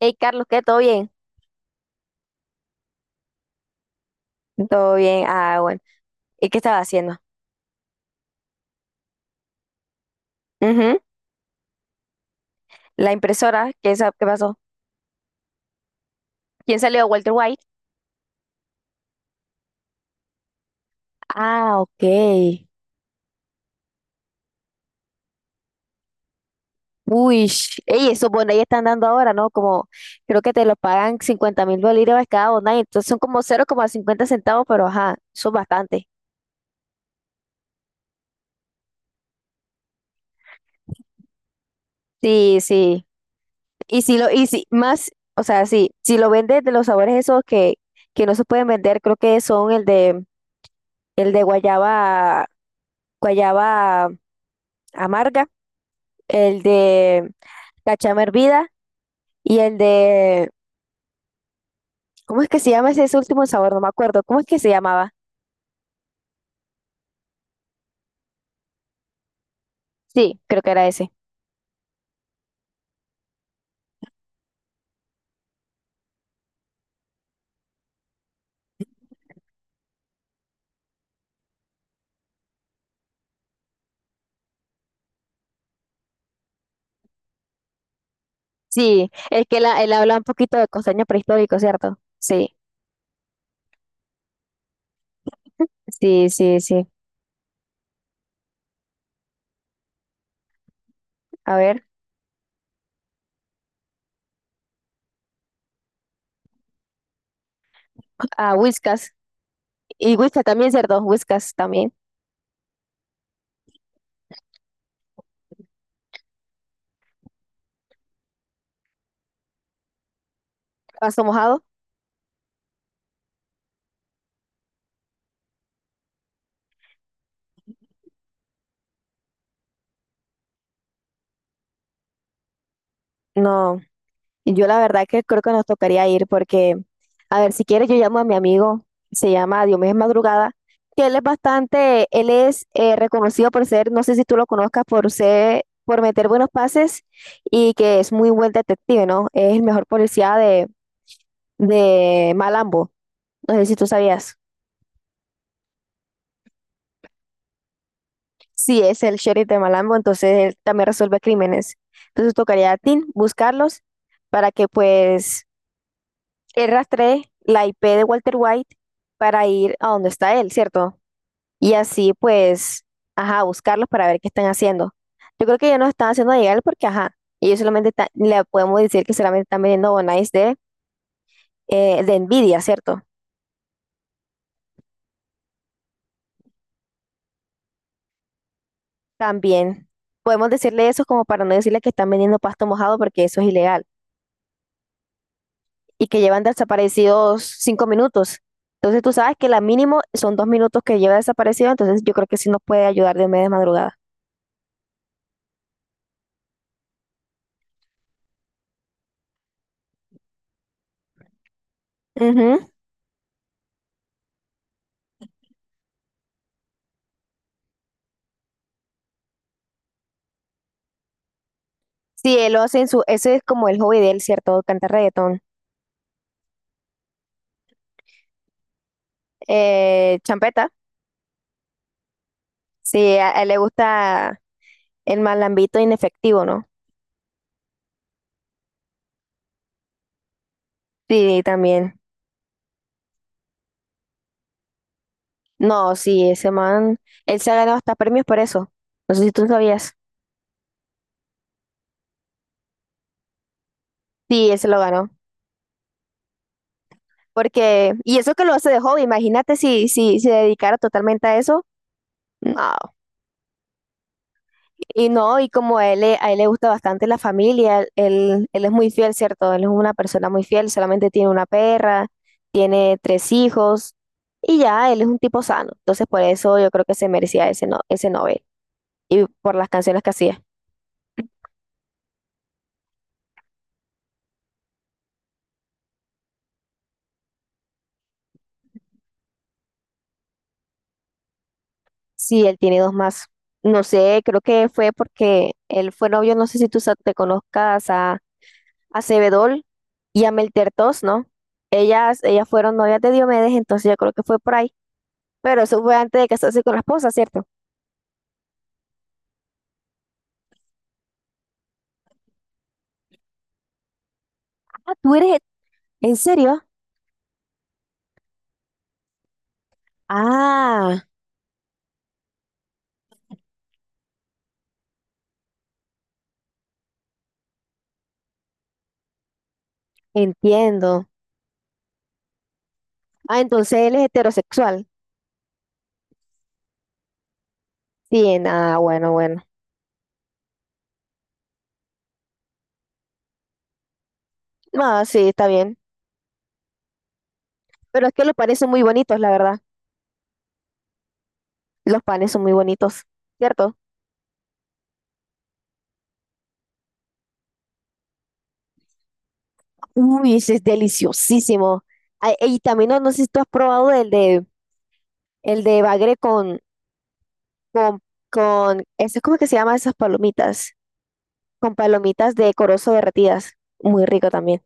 Hey, Carlos, ¿qué? ¿Todo bien? Todo bien. Ah, bueno. ¿Y qué estaba haciendo? Ujú. La impresora, ¿qué, qué pasó? ¿Quién salió? ¿Walter White? Ah, ok. Uy, ey, esos bonais están dando ahora, ¿no? Como, creo que te lo pagan 50.000 bolívares cada bonai, entonces son como 0,50 centavos, pero ajá, son bastante. Sí, sí. Y si más, o sea, sí, si lo vendes de los sabores esos que no se pueden vender, creo que son el de guayaba, guayaba amarga, el de la chama hervida y el de, ¿cómo es que se llama ese último sabor? No me acuerdo, ¿cómo es que se llamaba? Sí, creo que era ese. Sí, el que él habla un poquito de costeño prehistórico, ¿cierto? Sí, sí, sí, sí. A ver, a Whiskas. Y Whiskas también, ¿cierto? Whiskas también. ¿Pasto mojado? No. Yo la verdad que creo que nos tocaría ir porque, a ver, si quieres yo llamo a mi amigo, se llama Diomedes Madrugada, que él es bastante, él es reconocido por ser, no sé si tú lo conozcas, por ser, por meter buenos pases y que es muy buen detective, ¿no? Es el mejor policía de Malambo, no sé si tú sabías. Sí, es el sheriff de Malambo, entonces él también resuelve crímenes. Entonces tocaría a ti buscarlos para que pues él rastrea la IP de Walter White para ir a donde está él, ¿cierto? Y así, pues, ajá, buscarlos para ver qué están haciendo. Yo creo que ellos no están haciendo llegar porque, ajá, ellos solamente le podemos decir que solamente están vendiendo bonais de, de Nvidia, ¿cierto? También podemos decirle eso como para no decirle que están vendiendo pasto mojado porque eso es ilegal y que llevan desaparecidos 5 minutos. Entonces tú sabes que la mínimo son 2 minutos que lleva desaparecido, entonces yo creo que sí nos puede ayudar de media madrugada. Ujú. Sí, él lo hace ese es como el hobby de él, ¿cierto? Cantar reggaetón. Champeta, sí, a él le gusta el malambito inefectivo, ¿no? Sí, también. No, sí, ese man, él se ha ganado hasta premios por eso. No sé si tú sabías. Sí, él se lo ganó. Porque, y eso que lo hace de hobby, imagínate si se dedicara totalmente a eso. No. Y no, y como a él, a él le gusta bastante la familia, él es muy fiel, ¿cierto? Él es una persona muy fiel, solamente tiene una perra, tiene tres hijos y ya, él es un tipo sano. Entonces por eso yo creo que se merecía ese, no, ese Nobel y por las canciones que hacía. Sí, él tiene dos más. No sé, creo que fue porque él fue novio, no sé si tú te conozcas a, Sebedol y a Meltertos, ¿no? Ellas fueron novias de Diomedes, entonces yo creo que fue por ahí. Pero eso fue antes de casarse con la esposa, ¿cierto? Ah, tú eres, ¿en serio? Ah, entiendo. Ah, entonces él es heterosexual. Sí, nada, bueno, bueno. Ah, sí, está bien. Pero es que los panes son muy bonitos, la verdad. Los panes son muy bonitos, ¿cierto? Uy, ese es deliciosísimo. Ay, y también no, no sé si tú has probado el de bagre con con eso, ¿cómo es como que se llama esas palomitas, con palomitas de corozo derretidas? Muy rico también.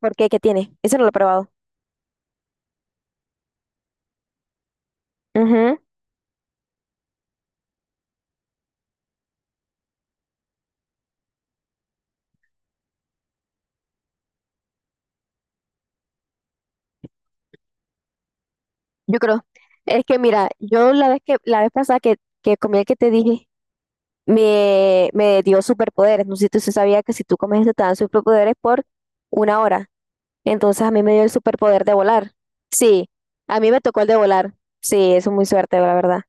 ¿Por qué? ¿Qué tiene? Eso no lo he probado. Ujú. Yo creo, es que mira, yo la vez pasada que comí el que te dije, me dio superpoderes. No sé si tú sí sabías que si tú comes este te dan superpoderes por una hora. Entonces a mí me dio el superpoder de volar. Sí, a mí me tocó el de volar. Sí, eso es muy suerte, la verdad.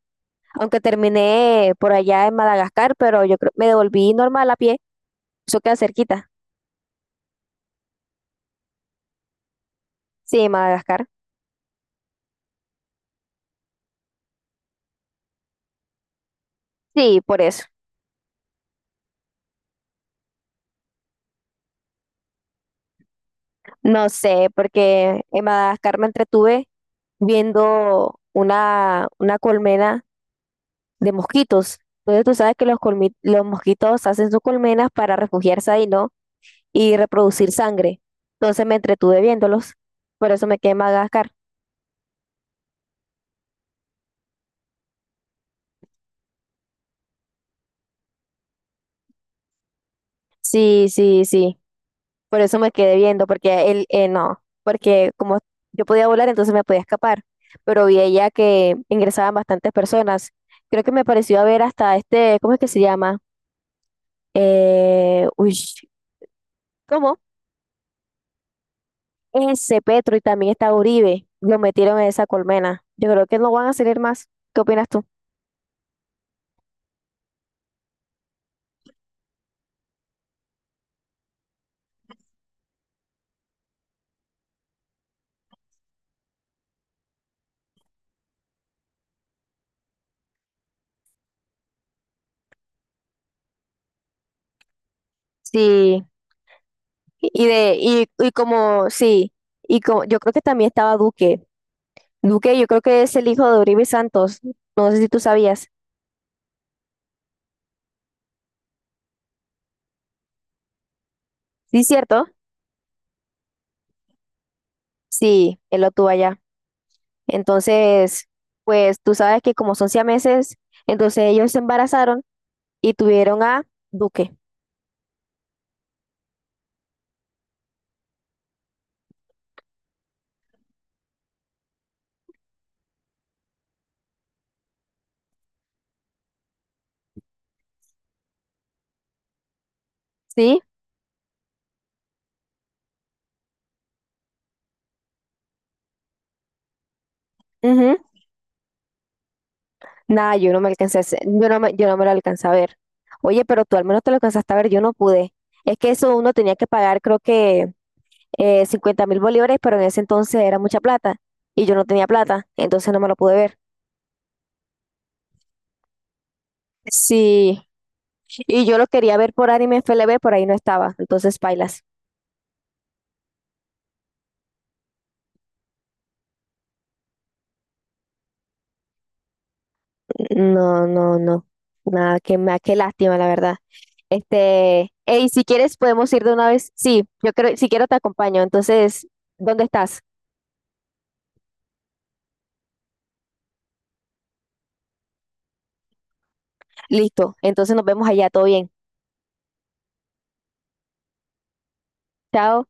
Aunque terminé por allá en Madagascar, pero yo creo me devolví normal a pie. Eso queda cerquita. Sí, Madagascar. Sí, por eso. No sé, porque en Madagascar me entretuve viendo una colmena de mosquitos. Entonces tú sabes que los mosquitos hacen sus colmenas para refugiarse ahí, ¿no? Y reproducir sangre. Entonces me entretuve viéndolos. Por eso me quedé en Madagascar. Sí, sí, sí. Por eso me quedé viendo, porque él, no, porque como yo podía volar, entonces me podía escapar. Pero vi ella que ingresaban bastantes personas. Creo que me pareció haber hasta este, ¿cómo es que se llama? Uy, ¿cómo? Ese Petro y también está Uribe, lo metieron en esa colmena. Yo creo que no van a salir más. ¿Qué opinas tú? Sí, y de, y como, sí, yo creo que también estaba Duque. Duque, yo creo que es el hijo de Uribe Santos. No sé si tú sabías. Sí, cierto. Sí, él lo tuvo allá. Entonces, pues tú sabes que como son siameses, entonces ellos se embarazaron y tuvieron a Duque. Sí. Ujú. Nada, yo no me lo alcancé a ver. Oye, pero tú al menos te lo alcanzaste a ver, yo no pude. Es que eso uno tenía que pagar, creo que 50 mil bolívares, pero en ese entonces era mucha plata y yo no tenía plata, entonces no me lo pude ver. Sí, y yo lo quería ver por Anime FLB, por ahí no estaba, entonces pailas. No, no, no. Nada, qué lástima, la verdad. Este, hey, si quieres podemos ir de una vez. Sí, yo creo, si quiero te acompaño. Entonces, ¿dónde estás? Listo. Entonces nos vemos allá, todo bien. Chao.